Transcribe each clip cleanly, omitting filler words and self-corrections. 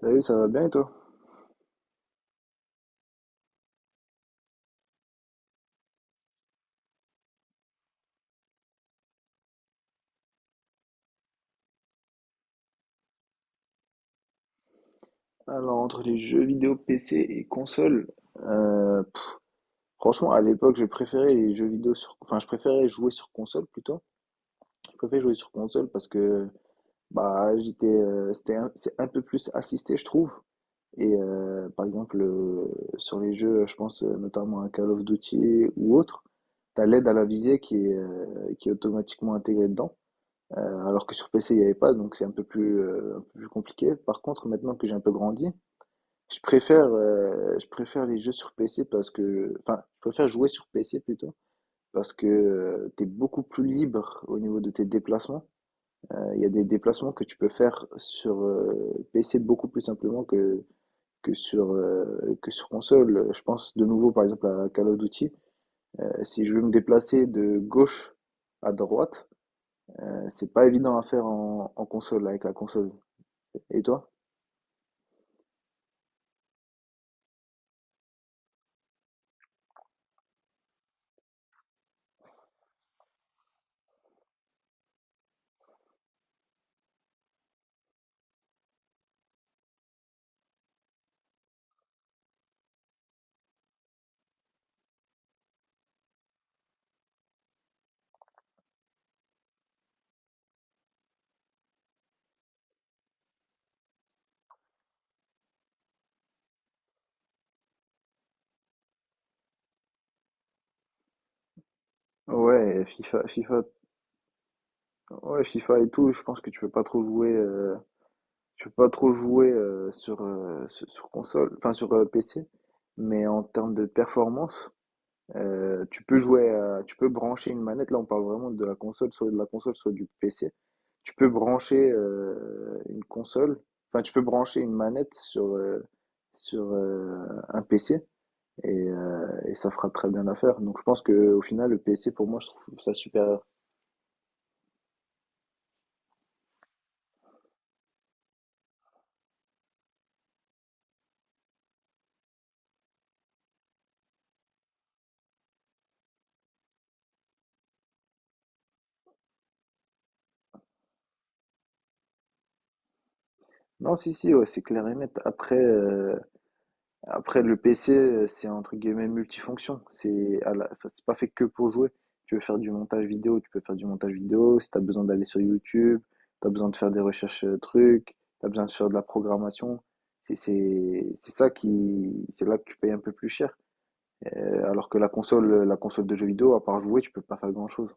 Salut, ça va bien et toi? Alors, entre les jeux vidéo PC et console, euh, pff, franchement, à l'époque, je préférais les jeux vidéo enfin, je préférais jouer sur console plutôt. Je préférais jouer sur console parce que, bah, c'est un peu plus assisté, je trouve. Et par exemple, sur les jeux, je pense notamment à Call of Duty ou autre, t'as l'aide à la visée qui est automatiquement intégrée dedans. Alors que sur PC, il n'y avait pas, donc c'est un peu plus compliqué. Par contre, maintenant que j'ai un peu grandi, je préfère les jeux sur PC parce que enfin, je préfère jouer sur PC plutôt, parce que, tu es beaucoup plus libre au niveau de tes déplacements. Il y a des déplacements que tu peux faire PC beaucoup plus simplement que sur console. Je pense de nouveau par exemple à Call of Duty. Si je veux me déplacer de gauche à droite, c'est pas évident à faire en console, avec la console. Et toi? Ouais, FIFA FIFA ouais, FIFA et tout, je pense que tu peux pas trop jouer. Je peux pas trop jouer sur console, enfin sur PC, mais en termes de performance, tu peux jouer, tu peux brancher une manette. Là, on parle vraiment de la console, soit de la console, soit du PC. Tu peux brancher enfin tu peux brancher une manette sur sur euh, un PC et ça fera très bien l'affaire. Donc je pense que au final, le PC pour moi, je trouve ça supérieur. Non, si si, ouais, c'est clair et net. Après, le PC, c'est entre guillemets multifonction. Enfin, c'est pas fait que pour jouer. Tu veux faire du montage vidéo, tu peux faire du montage vidéo. Si tu as besoin d'aller sur YouTube, tu as besoin de faire des recherches trucs, tu as besoin de faire de la programmation. C'est là que tu payes un peu plus cher. Alors que la console de jeux vidéo, à part jouer, tu peux pas faire grand-chose.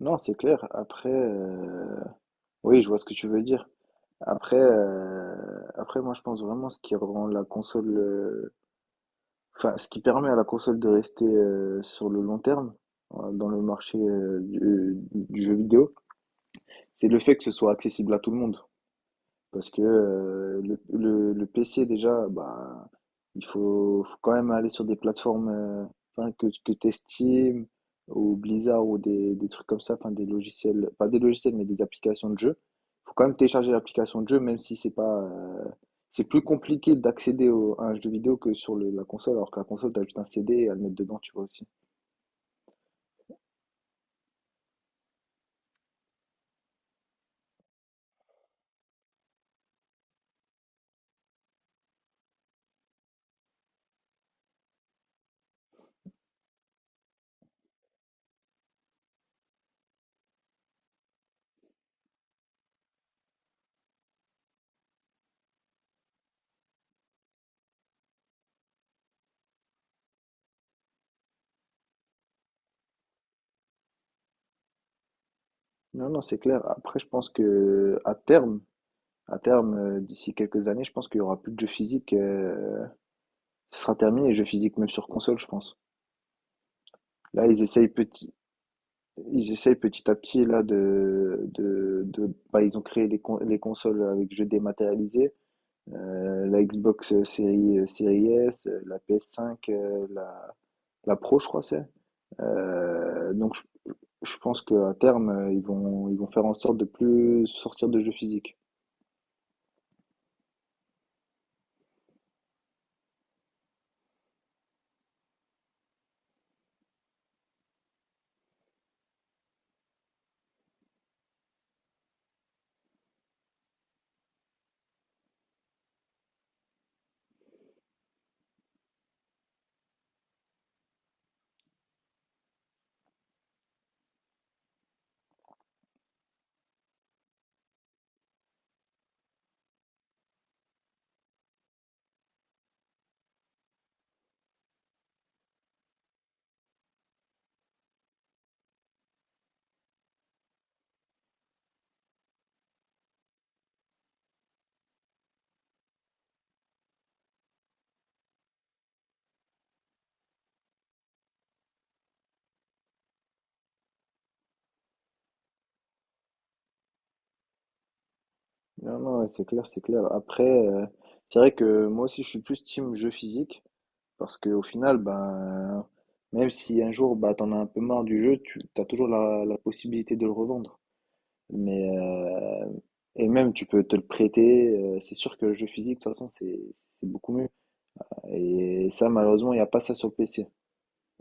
Non, c'est clair. Après, oui, je vois ce que tu veux dire. Après, moi, je pense vraiment ce qui rend la console, enfin, ce qui permet à la console de rester sur le long terme dans le marché du jeu vidéo, c'est le fait que ce soit accessible à tout le monde. Parce que le PC, déjà, bah, faut quand même aller sur des plateformes enfin, que tu estimes, ou Blizzard, ou des trucs comme ça, enfin, des logiciels, pas des logiciels, mais des applications de jeu. Faut quand même télécharger l'application de jeu, même si c'est pas, c'est plus compliqué d'accéder à un jeu vidéo que sur la console, alors que la console, t'as juste un CD et à le mettre dedans, tu vois aussi. Non, non, c'est clair. Après, je pense que à terme, d'ici quelques années, je pense qu'il y aura plus de jeux physiques. Ce sera terminé les jeux physiques, même sur console, je pense. Là, ils essayent petit à petit là bah, ils ont créé les consoles avec jeux dématérialisés. La Xbox série S, la PS5, la, la Pro, je crois, c'est. Donc, je pense qu'à terme, ils vont faire en sorte de plus sortir de jeux physiques. Non, non, ouais, c'est clair, c'est clair. Après, c'est vrai que moi aussi, je suis plus team jeu physique parce qu'au final, ben, même si un jour, bah, t'en as un peu marre du jeu, tu as toujours la possibilité de le revendre. Mais et même tu peux te le prêter. C'est sûr que le jeu physique, de toute façon, c'est beaucoup mieux. Et ça, malheureusement, il n'y a pas ça sur le PC.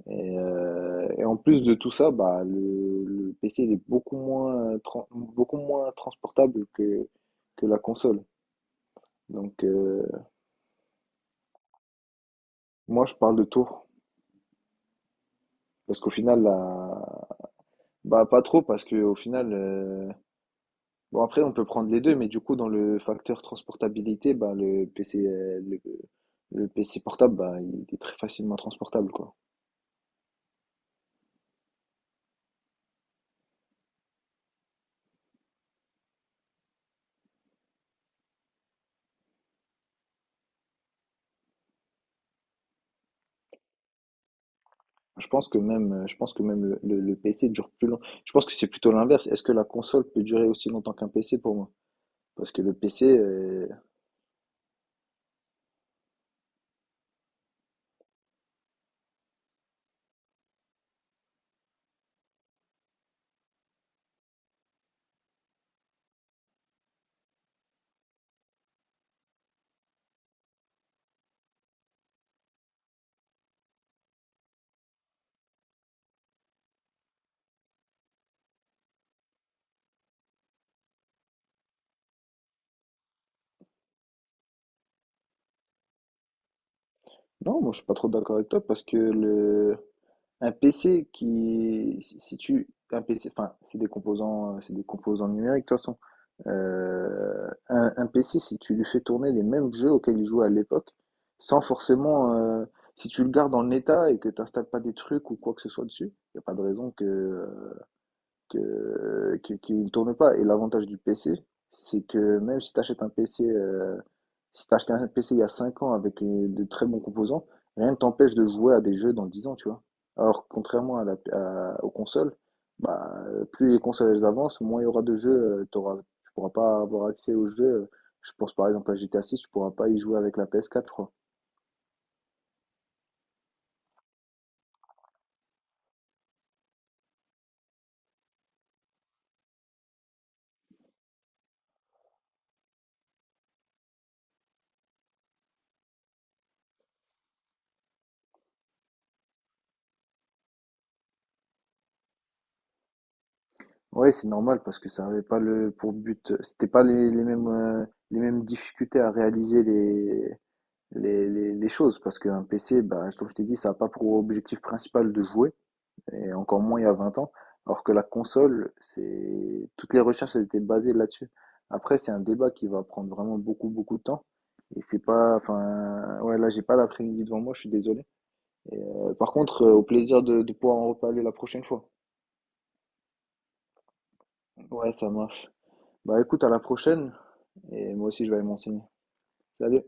Et en plus de tout ça, bah le PC il est beaucoup moins beaucoup moins transportable que la console. Donc moi, je parle de tours parce qu'au final, bah pas trop parce que au final. Bon, après, on peut prendre les deux, mais du coup, dans le facteur transportabilité, bah, le PC portable, bah, il est très facilement transportable, quoi. Je pense que même le PC dure plus longtemps. Je pense que c'est plutôt l'inverse. Est-ce que la console peut durer aussi longtemps qu'un PC pour moi? Parce que le PC, euh, Non, moi, je suis pas trop d'accord avec toi, parce que le, Un PC qui, si si tu, un PC, enfin, c'est des composants numériques de toute façon. Un PC, si tu lui fais tourner les mêmes jeux auxquels il jouait à l'époque, sans forcément, si tu le gardes en état et que tu n'installes pas des trucs ou quoi que ce soit dessus, il n'y a pas de raison que, qu'il ne tourne pas. Et l'avantage du PC, c'est que même si tu achètes un PC, si t'as acheté un PC il y a 5 ans avec de très bons composants, rien ne t'empêche de jouer à des jeux dans 10 ans, tu vois. Alors, contrairement aux consoles, bah, plus les consoles elles avancent, moins il y aura de jeux, euh, t'auras, tu pourras pas avoir accès aux jeux. Je pense par exemple à GTA 6, tu pourras pas y jouer avec la PS4, je crois. Ouais, c'est normal parce que ça avait pas le pour but, c'était pas les mêmes difficultés à réaliser les choses parce qu'un PC, bah, comme je t'ai dit, ça n'a pas pour objectif principal de jouer. Et encore moins il y a 20 ans. Alors que la console, c'est toutes les recherches elles étaient basées là-dessus. Après, c'est un débat qui va prendre vraiment beaucoup, beaucoup de temps. Et c'est pas, enfin, ouais, là, j'ai pas l'après-midi devant moi, je suis désolé. Et, par contre, au plaisir de pouvoir en reparler la prochaine fois. Ouais, ça marche. Bah écoute, à la prochaine. Et moi aussi, je vais aller m'enseigner. Salut.